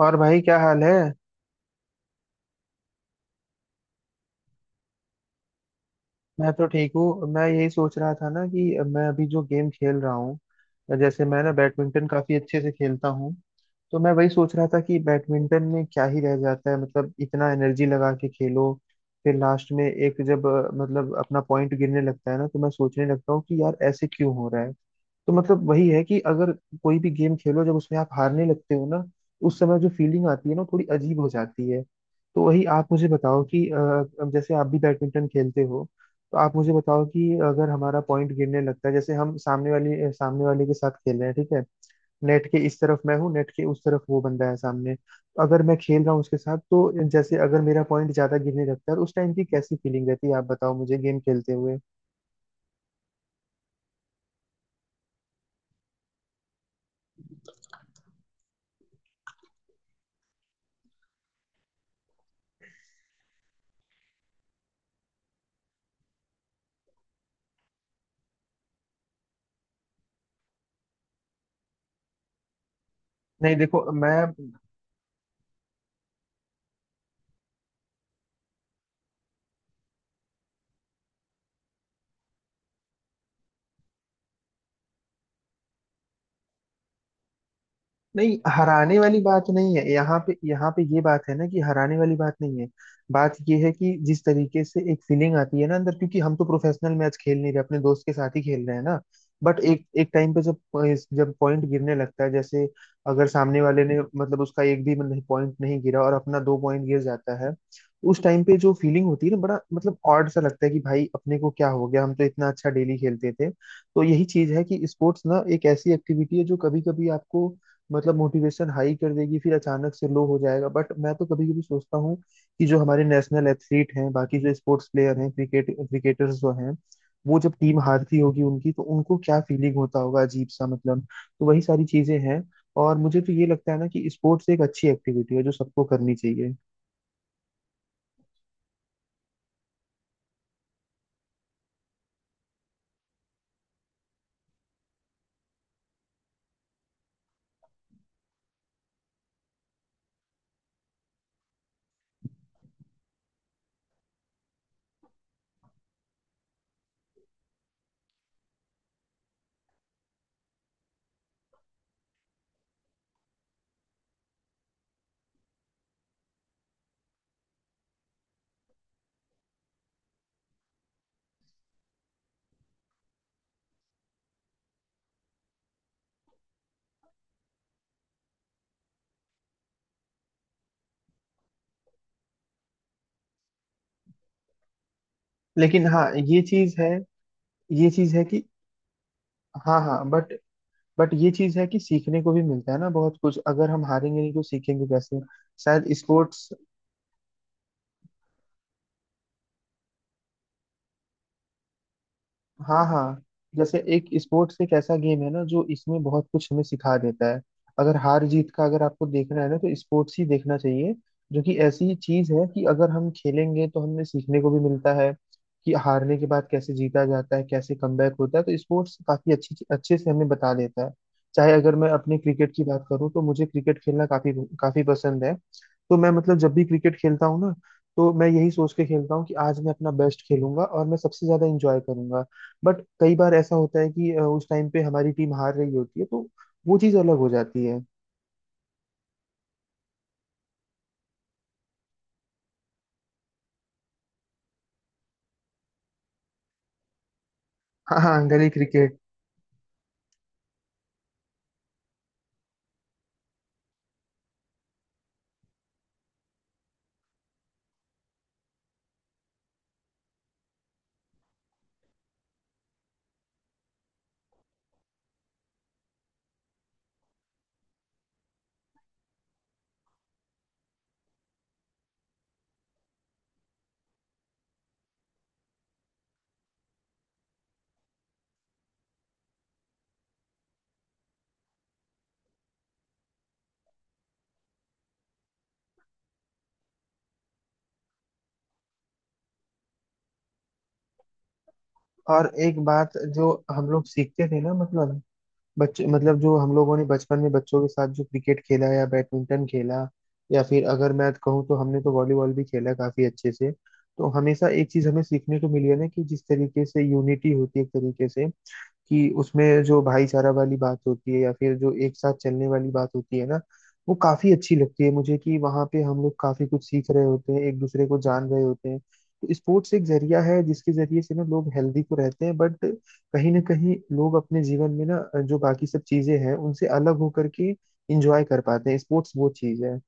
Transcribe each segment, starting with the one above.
और भाई, क्या हाल है। मैं तो ठीक हूँ। मैं यही सोच रहा था ना कि मैं अभी जो गेम खेल रहा हूँ, जैसे मैं ना बैडमिंटन काफी अच्छे से खेलता हूँ। तो मैं वही सोच रहा था कि बैडमिंटन में क्या ही रह जाता है, मतलब इतना एनर्जी लगा के खेलो। फिर लास्ट में एक जब मतलब अपना पॉइंट गिरने लगता है ना, तो मैं सोचने लगता हूँ कि यार ऐसे क्यों हो रहा है। तो मतलब वही है कि अगर कोई भी गेम खेलो जब उसमें आप हारने लगते हो ना, उस समय जो फीलिंग आती है ना, वो थोड़ी अजीब हो जाती है। तो वही आप मुझे बताओ कि अब जैसे आप भी बैडमिंटन खेलते हो। तो आप मुझे बताओ कि अगर हमारा पॉइंट गिरने लगता है, जैसे हम सामने वाले के साथ खेल रहे हैं, ठीक है। नेट के इस तरफ मैं हूँ, नेट के उस तरफ वो बंदा है सामने, तो अगर मैं खेल रहा हूँ उसके साथ, तो जैसे अगर मेरा पॉइंट ज्यादा गिरने लगता है, उस टाइम की कैसी फीलिंग रहती है, आप बताओ मुझे गेम खेलते हुए। नहीं देखो मैं। नहीं, हराने वाली बात नहीं है, यहाँ पे ये बात है ना कि हराने वाली बात नहीं है। बात ये है कि जिस तरीके से एक फीलिंग आती है ना अंदर, क्योंकि हम तो प्रोफेशनल मैच खेल नहीं रहे, अपने दोस्त के साथ ही खेल रहे हैं ना। बट एक एक टाइम पे जब जब पॉइंट गिरने लगता है, जैसे अगर सामने वाले ने मतलब उसका एक भी मतलब पॉइंट नहीं गिरा और अपना दो पॉइंट गिर जाता है, उस टाइम पे जो फीलिंग होती है ना, बड़ा मतलब ऑड सा लगता है कि भाई अपने को क्या हो गया, हम तो इतना अच्छा डेली खेलते थे। तो यही चीज है कि स्पोर्ट्स ना एक ऐसी एक्टिविटी है जो कभी कभी आपको मतलब मोटिवेशन हाई कर देगी, फिर अचानक से लो हो जाएगा। बट मैं तो कभी कभी सोचता हूँ कि जो हमारे नेशनल एथलीट हैं, बाकी जो स्पोर्ट्स प्लेयर हैं, क्रिकेटर्स जो हैं, वो जब टीम हारती होगी उनकी, तो उनको क्या फीलिंग होता होगा, अजीब सा मतलब। तो वही सारी चीजें हैं। और मुझे तो ये लगता है ना कि स्पोर्ट्स एक अच्छी एक्टिविटी है जो सबको करनी चाहिए। लेकिन हाँ, ये चीज है। ये चीज है कि, हाँ हाँ, बट ये चीज है कि सीखने को भी मिलता है ना बहुत कुछ, अगर हम हारेंगे नहीं तो सीखेंगे कैसे। शायद स्पोर्ट्स। हाँ हाँ। जैसे एक स्पोर्ट्स एक ऐसा गेम है ना जो इसमें बहुत कुछ हमें सिखा देता है। अगर हार जीत का अगर आपको देखना है ना, तो स्पोर्ट्स ही देखना चाहिए। जो कि ऐसी चीज है कि अगर हम खेलेंगे तो हमें सीखने को भी मिलता है कि हारने के बाद कैसे जीता जाता है, कैसे कमबैक होता है। तो स्पोर्ट्स काफी अच्छी अच्छे से हमें बता देता है। चाहे अगर मैं अपने क्रिकेट की बात करूँ, तो मुझे क्रिकेट खेलना काफी काफी पसंद है। तो मैं मतलब जब भी क्रिकेट खेलता हूँ ना, तो मैं यही सोच के खेलता हूँ कि आज मैं अपना बेस्ट खेलूंगा और मैं सबसे ज्यादा इंजॉय करूंगा। बट कई बार ऐसा होता है कि उस टाइम पे हमारी टीम हार रही होती है, तो वो चीज अलग हो जाती है। हाँ हाँ, गली क्रिकेट। और एक बात जो हम लोग सीखते थे ना, मतलब बच्चे, मतलब जो हम लोगों ने बचपन में बच्चों के साथ जो क्रिकेट खेला या बैडमिंटन खेला, या फिर अगर मैं कहूँ तो हमने तो वॉलीबॉल भी खेला काफी अच्छे से। तो हमेशा एक चीज हमें सीखने को मिली है ना कि जिस तरीके से यूनिटी होती है एक तरीके से, कि उसमें जो भाईचारा वाली बात होती है, या फिर जो एक साथ चलने वाली बात होती है ना, वो काफी अच्छी लगती है मुझे, कि वहाँ पे हम लोग काफी कुछ सीख रहे होते हैं, एक दूसरे को जान रहे होते हैं। तो स्पोर्ट्स एक जरिया है जिसके जरिए से ना लोग हेल्दी तो रहते हैं, बट कहीं ना कहीं लोग अपने जीवन में ना, जो बाकी सब चीजें हैं उनसे अलग होकर के इंजॉय कर पाते हैं। स्पोर्ट्स वो चीज है।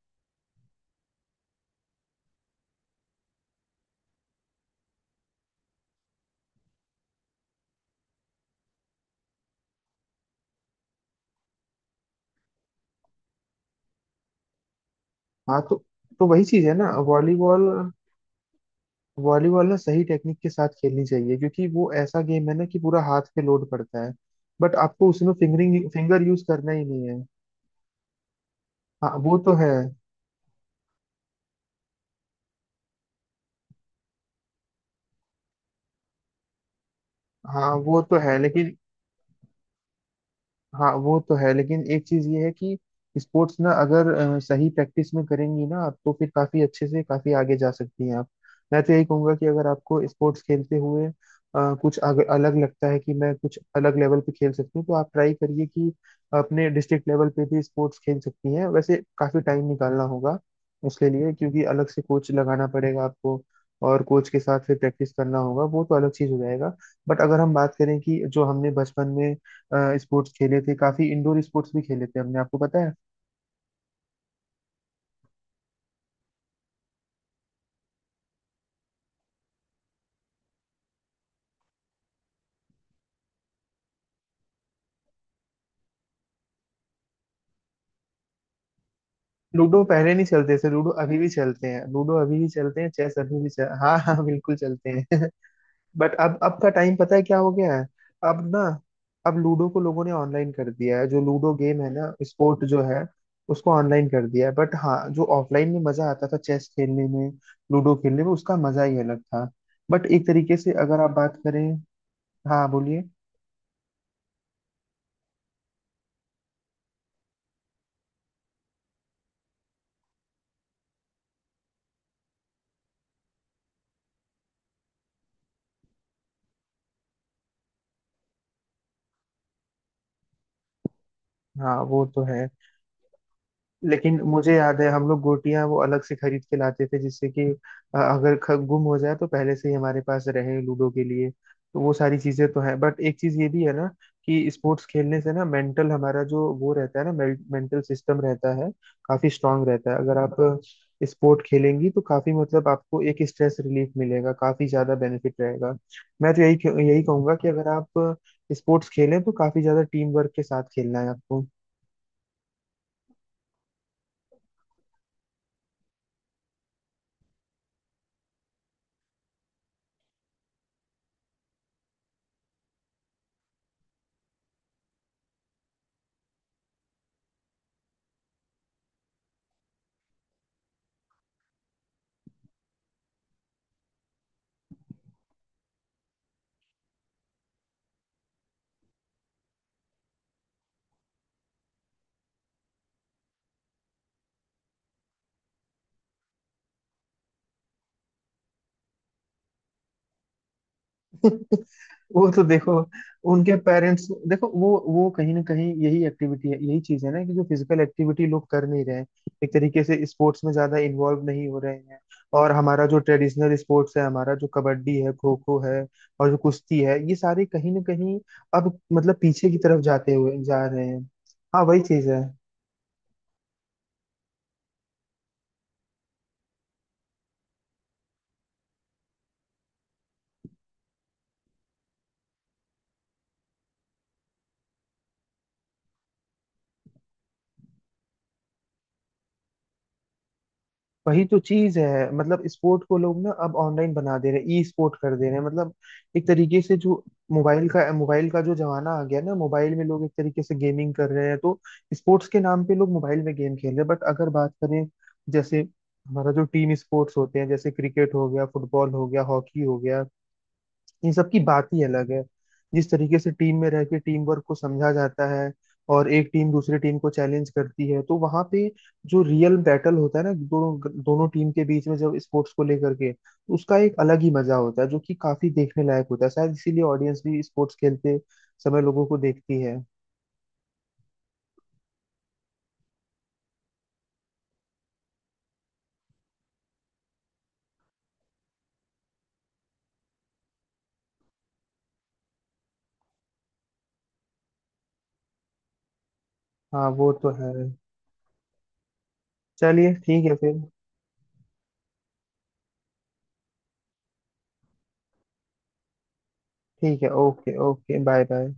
हाँ तो। वही चीज है ना, वॉलीबॉल। वॉलीबॉल ना सही टेक्निक के साथ खेलनी चाहिए, क्योंकि वो ऐसा गेम है ना कि पूरा हाथ पे लोड पड़ता है। बट आपको उसमें फिंगर यूज करना ही नहीं है। हाँ वो तो है। हाँ वो तो है लेकिन। एक चीज ये है कि स्पोर्ट्स ना अगर सही प्रैक्टिस में करेंगी ना आप, तो फिर काफी अच्छे से काफी आगे जा सकती हैं आप। मैं तो यही कहूंगा कि अगर आपको स्पोर्ट्स खेलते हुए कुछ अलग लगता है कि मैं कुछ अलग लेवल पे खेल सकती हूँ, तो आप ट्राई करिए कि अपने डिस्ट्रिक्ट लेवल पे भी स्पोर्ट्स खेल सकती हैं। वैसे काफी टाइम निकालना होगा उसके लिए, क्योंकि अलग से कोच लगाना पड़ेगा आपको, और कोच के साथ फिर प्रैक्टिस करना होगा, वो तो अलग चीज हो जाएगा। बट अगर हम बात करें कि जो हमने बचपन में स्पोर्ट्स खेले थे, काफी इंडोर स्पोर्ट्स भी खेले थे हमने, आपको पता है। लूडो पहले नहीं चलते थे, लूडो अभी भी चलते हैं, लूडो अभी भी चलते हैं, चेस अभी भी हाँ हाँ बिल्कुल चलते हैं। बट अब का टाइम पता है क्या हो गया है। अब ना, अब लूडो को लोगों ने ऑनलाइन कर दिया है, जो लूडो गेम है ना, स्पोर्ट जो है उसको ऑनलाइन कर दिया है। बट हाँ, जो ऑफलाइन में मजा आता था चेस खेलने में, लूडो खेलने में, उसका मजा ही अलग था। बट एक तरीके से अगर आप बात करें। हाँ बोलिए। हाँ वो तो है। लेकिन मुझे याद है हम लोग गोटियां वो अलग से खरीद के लाते थे, जिससे कि अगर गुम हो जाए तो पहले से ही हमारे पास रहे लूडो के लिए। तो वो सारी चीजें तो है, बट एक चीज ये भी है ना कि स्पोर्ट्स खेलने से ना मेंटल हमारा जो वो रहता है ना, मेंटल सिस्टम रहता है, काफी स्ट्रांग रहता है अगर आप स्पोर्ट खेलेंगी तो। काफी मतलब आपको एक स्ट्रेस रिलीफ मिलेगा, काफी ज्यादा बेनिफिट रहेगा। मैं तो यही यही कहूंगा कि अगर आप स्पोर्ट्स खेलें तो काफी ज्यादा टीम वर्क के साथ खेलना है आपको। वो तो देखो। उनके पेरेंट्स देखो, वो कहीं ना कहीं यही एक्टिविटी है, यही चीज है ना कि जो फिजिकल एक्टिविटी लोग कर नहीं रहे हैं, एक तरीके से स्पोर्ट्स में ज्यादा इन्वॉल्व नहीं हो रहे हैं। और हमारा जो ट्रेडिशनल स्पोर्ट्स है, हमारा जो कबड्डी है, खो खो है, और जो कुश्ती है, ये सारे कहीं ना कहीं अब मतलब पीछे की तरफ जाते हुए जा रहे हैं। हाँ, वही चीज है। वही तो चीज है, मतलब स्पोर्ट को लोग ना अब ऑनलाइन बना दे रहे हैं, ई स्पोर्ट कर दे रहे हैं, मतलब एक तरीके से जो मोबाइल का जो जमाना आ गया ना, मोबाइल में लोग एक तरीके से गेमिंग कर रहे हैं, तो स्पोर्ट्स के नाम पे लोग मोबाइल में गेम खेल रहे हैं। बट अगर बात करें जैसे हमारा जो टीम स्पोर्ट्स होते हैं, जैसे क्रिकेट हो गया, फुटबॉल हो गया, हॉकी हो गया, इन सब की बात ही अलग है। जिस तरीके से टीम में रह के टीम वर्क को समझा जाता है, और एक टीम दूसरी टीम को चैलेंज करती है, तो वहां पे जो रियल बैटल होता है ना दोनों दोनों टीम के बीच में, जब स्पोर्ट्स को लेकर के, उसका एक अलग ही मजा होता है, जो कि काफी देखने लायक होता है। शायद इसीलिए ऑडियंस भी स्पोर्ट्स खेलते समय लोगों को देखती है। हाँ, वो तो है। चलिए ठीक है फिर। ठीक है, ओके ओके, बाय बाय।